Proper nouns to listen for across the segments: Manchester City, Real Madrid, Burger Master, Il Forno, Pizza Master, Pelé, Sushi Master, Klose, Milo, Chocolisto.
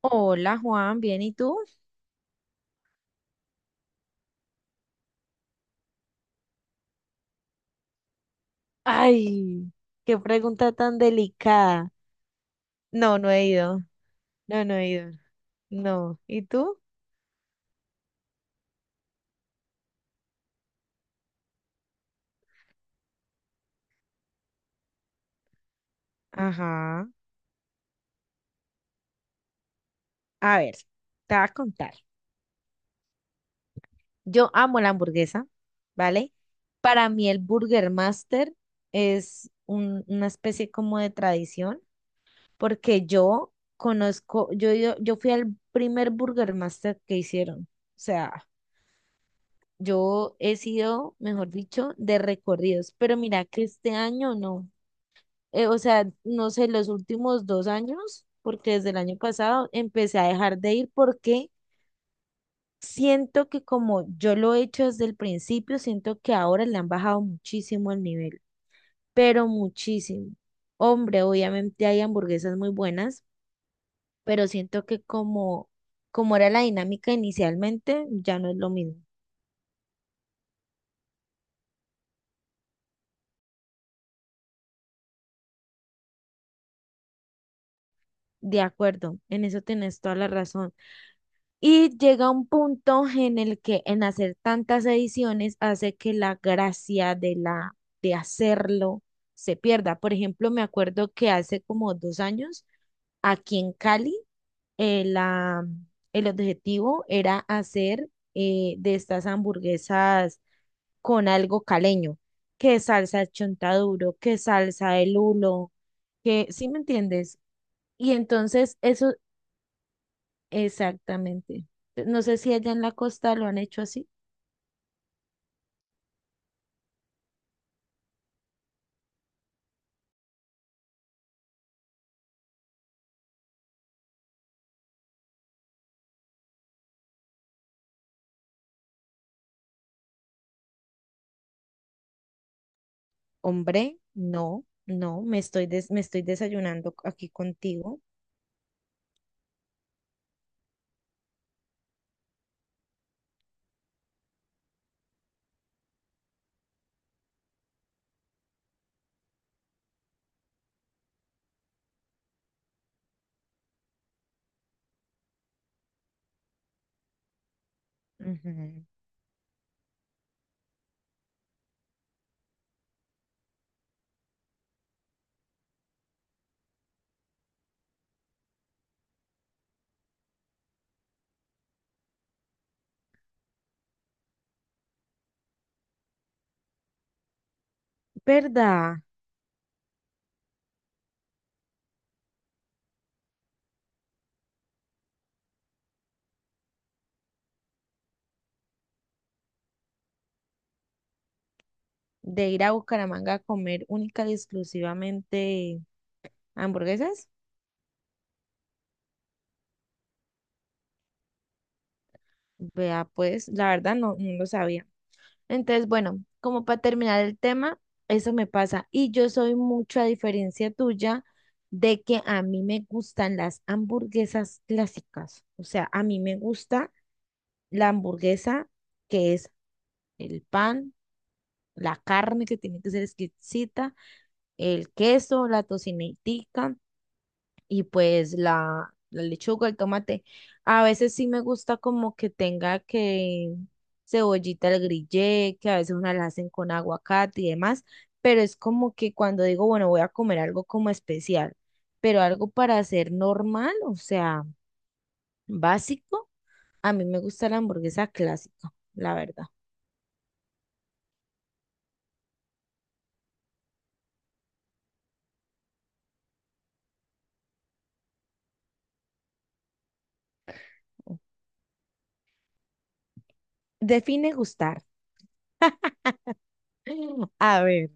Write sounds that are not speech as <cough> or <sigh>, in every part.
Hola Juan, ¿bien y tú? Ay, qué pregunta tan delicada. No, no he ido. No, no he ido. No. ¿Y tú? Ajá. A ver, te voy a contar. Yo amo la hamburguesa, ¿vale? Para mí el Burger Master es una especie como de tradición, porque yo conozco, yo fui al primer Burger Master que hicieron. O sea, yo he sido, mejor dicho, de recorridos, pero mira que este año no. O sea, no sé, los últimos dos años, porque desde el año pasado empecé a dejar de ir porque siento que como yo lo he hecho desde el principio, siento que ahora le han bajado muchísimo el nivel, pero muchísimo. Hombre, obviamente hay hamburguesas muy buenas, pero siento que como era la dinámica inicialmente, ya no es lo mismo. De acuerdo, en eso tenés toda la razón. Y llega un punto en el que en hacer tantas ediciones hace que la gracia de la de hacerlo se pierda. Por ejemplo, me acuerdo que hace como dos años aquí en Cali eh, la- el objetivo era hacer de estas hamburguesas con algo caleño, que salsa chontaduro, que salsa el hulo, que, ¿sí me entiendes? Y entonces eso exactamente. No sé si allá en la costa lo han hecho así. Hombre, no, no, me estoy desayunando aquí contigo. Ujú. ¿Verdad? De ir a Bucaramanga a comer única y exclusivamente hamburguesas. Vea, pues, la verdad no, no lo sabía. Entonces, bueno, como para terminar el tema, eso me pasa. Y yo soy mucho, a diferencia tuya, de que a mí me gustan las hamburguesas clásicas. O sea, a mí me gusta la hamburguesa que es el pan, la carne que tiene que ser exquisita, el queso, la tocinetica y pues la lechuga, el tomate. A veces sí me gusta como que tenga que cebollita al grillé, que a veces una la hacen con aguacate y demás, pero es como que cuando digo, bueno, voy a comer algo como especial, pero algo para hacer normal, o sea, básico, a mí me gusta la hamburguesa clásica, la verdad. Define gustar. <laughs> A ver.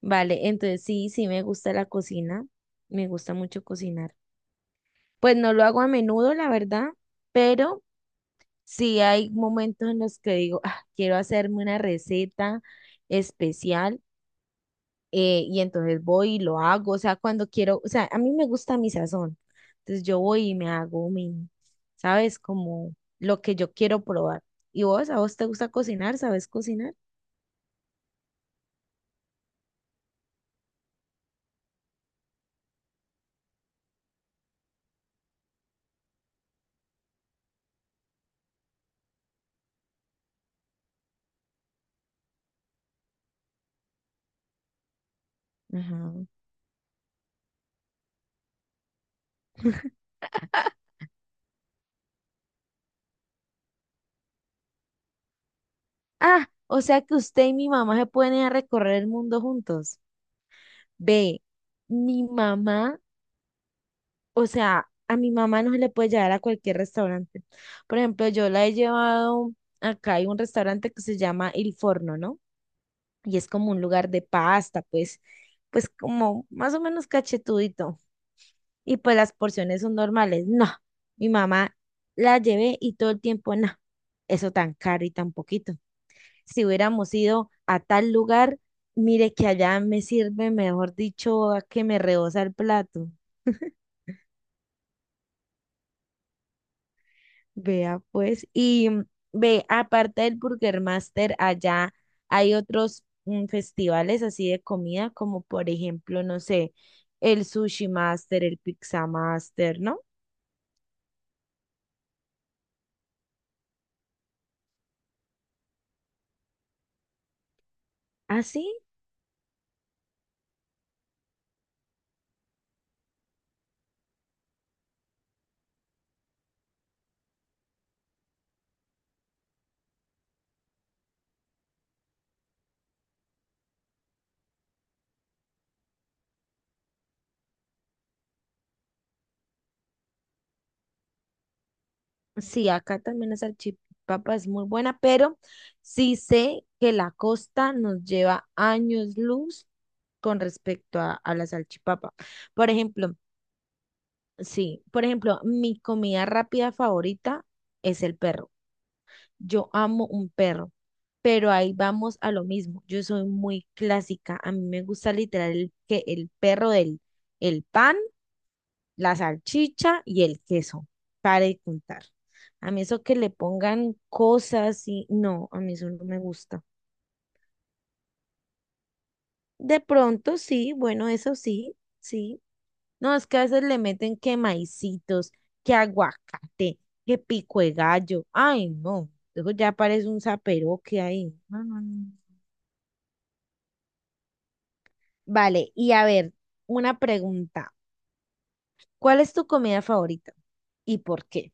Vale, entonces sí, sí me gusta la cocina, me gusta mucho cocinar. Pues no lo hago a menudo, la verdad, pero sí hay momentos en los que digo, "Ah, quiero hacerme una receta especial y entonces voy y lo hago, o sea, cuando quiero, o sea, a mí me gusta mi sazón, entonces yo voy y me hago mi, ¿sabes? Como lo que yo quiero probar. ¿Y vos, a vos te gusta cocinar? ¿Sabes cocinar? Ajá. Ah, o sea que usted y mi mamá se pueden ir a recorrer el mundo juntos. Ve, mi mamá, o sea, a mi mamá no se le puede llevar a cualquier restaurante. Por ejemplo, yo la he llevado, acá hay un restaurante que se llama Il Forno, ¿no? Y es como un lugar de pasta, pues, pues como más o menos cachetudito. Y pues las porciones son normales. No, mi mamá la llevé y todo el tiempo, no, eso tan caro y tan poquito. Si hubiéramos ido a tal lugar, mire que allá me sirve, mejor dicho, a que me rebosa el plato. Vea pues, y ve, aparte del Burger Master, allá hay otros festivales así de comida, como por ejemplo, no sé, el Sushi Master, el Pizza Master, ¿no? Ah, sí. Sí, acá también la salchipapa es muy buena, pero sí sé que la costa nos lleva años luz con respecto a la salchipapa. Por ejemplo, sí, por ejemplo, mi comida rápida favorita es el perro. Yo amo un perro. Pero ahí vamos a lo mismo. Yo soy muy clásica. A mí me gusta literal el, que el perro del el pan, la salchicha y el queso. Para de contar. A mí eso que le pongan cosas y no, a mí eso no me gusta. De pronto sí, bueno, eso sí, sí. No, es que a veces le meten que maicitos, que aguacate, que pico de gallo. Ay, no. Luego ya parece un que ahí. No, no, no. Vale, y a ver, una pregunta. ¿Cuál es tu comida favorita y por qué?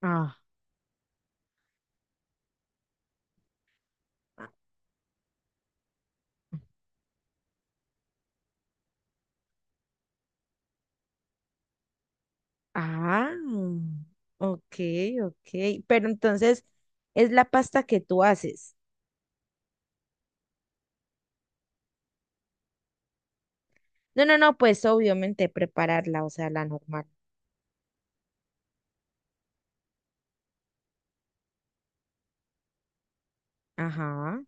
Ah, ah, ok, ok. Pero entonces es la pasta que tú haces. No, no, no, pues obviamente prepararla, o sea, la normal. Ajá.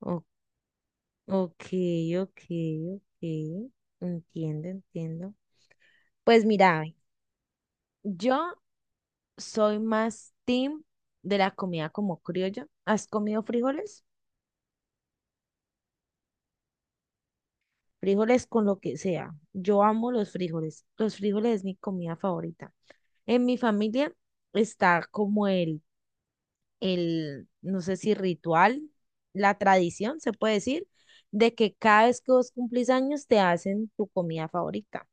O- ok, ok, ok. Entiendo, entiendo. Pues mira, yo soy más team de la comida como criolla. ¿Has comido frijoles? Frijoles con lo que sea. Yo amo los frijoles. Los frijoles es mi comida favorita. En mi familia está como no sé si ritual, la tradición, se puede decir, de que cada vez que vos cumplís años te hacen tu comida favorita.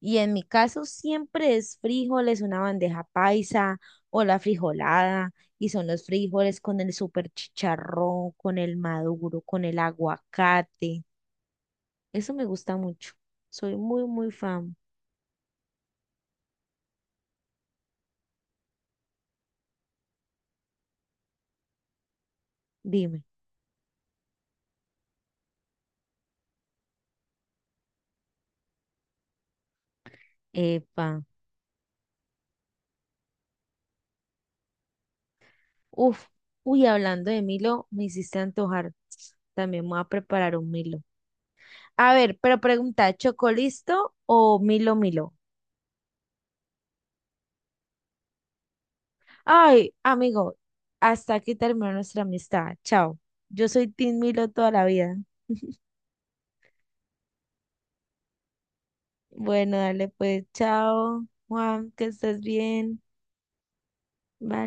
Y en mi caso siempre es frijoles, una bandeja paisa o la frijolada, y son los frijoles con el super chicharrón, con el maduro, con el aguacate. Eso me gusta mucho. Soy muy, muy fan. Dime. Epa. Uf. Uy, hablando de Milo, me hiciste antojar. También me voy a preparar un Milo. A ver, pero pregunta, ¿chocolisto o Milo Milo? Ay, amigo, hasta aquí terminó nuestra amistad. Chao. Yo soy Team Milo toda la vida. <laughs> Bueno, dale pues, chao, Juan, que estés bien. Bye.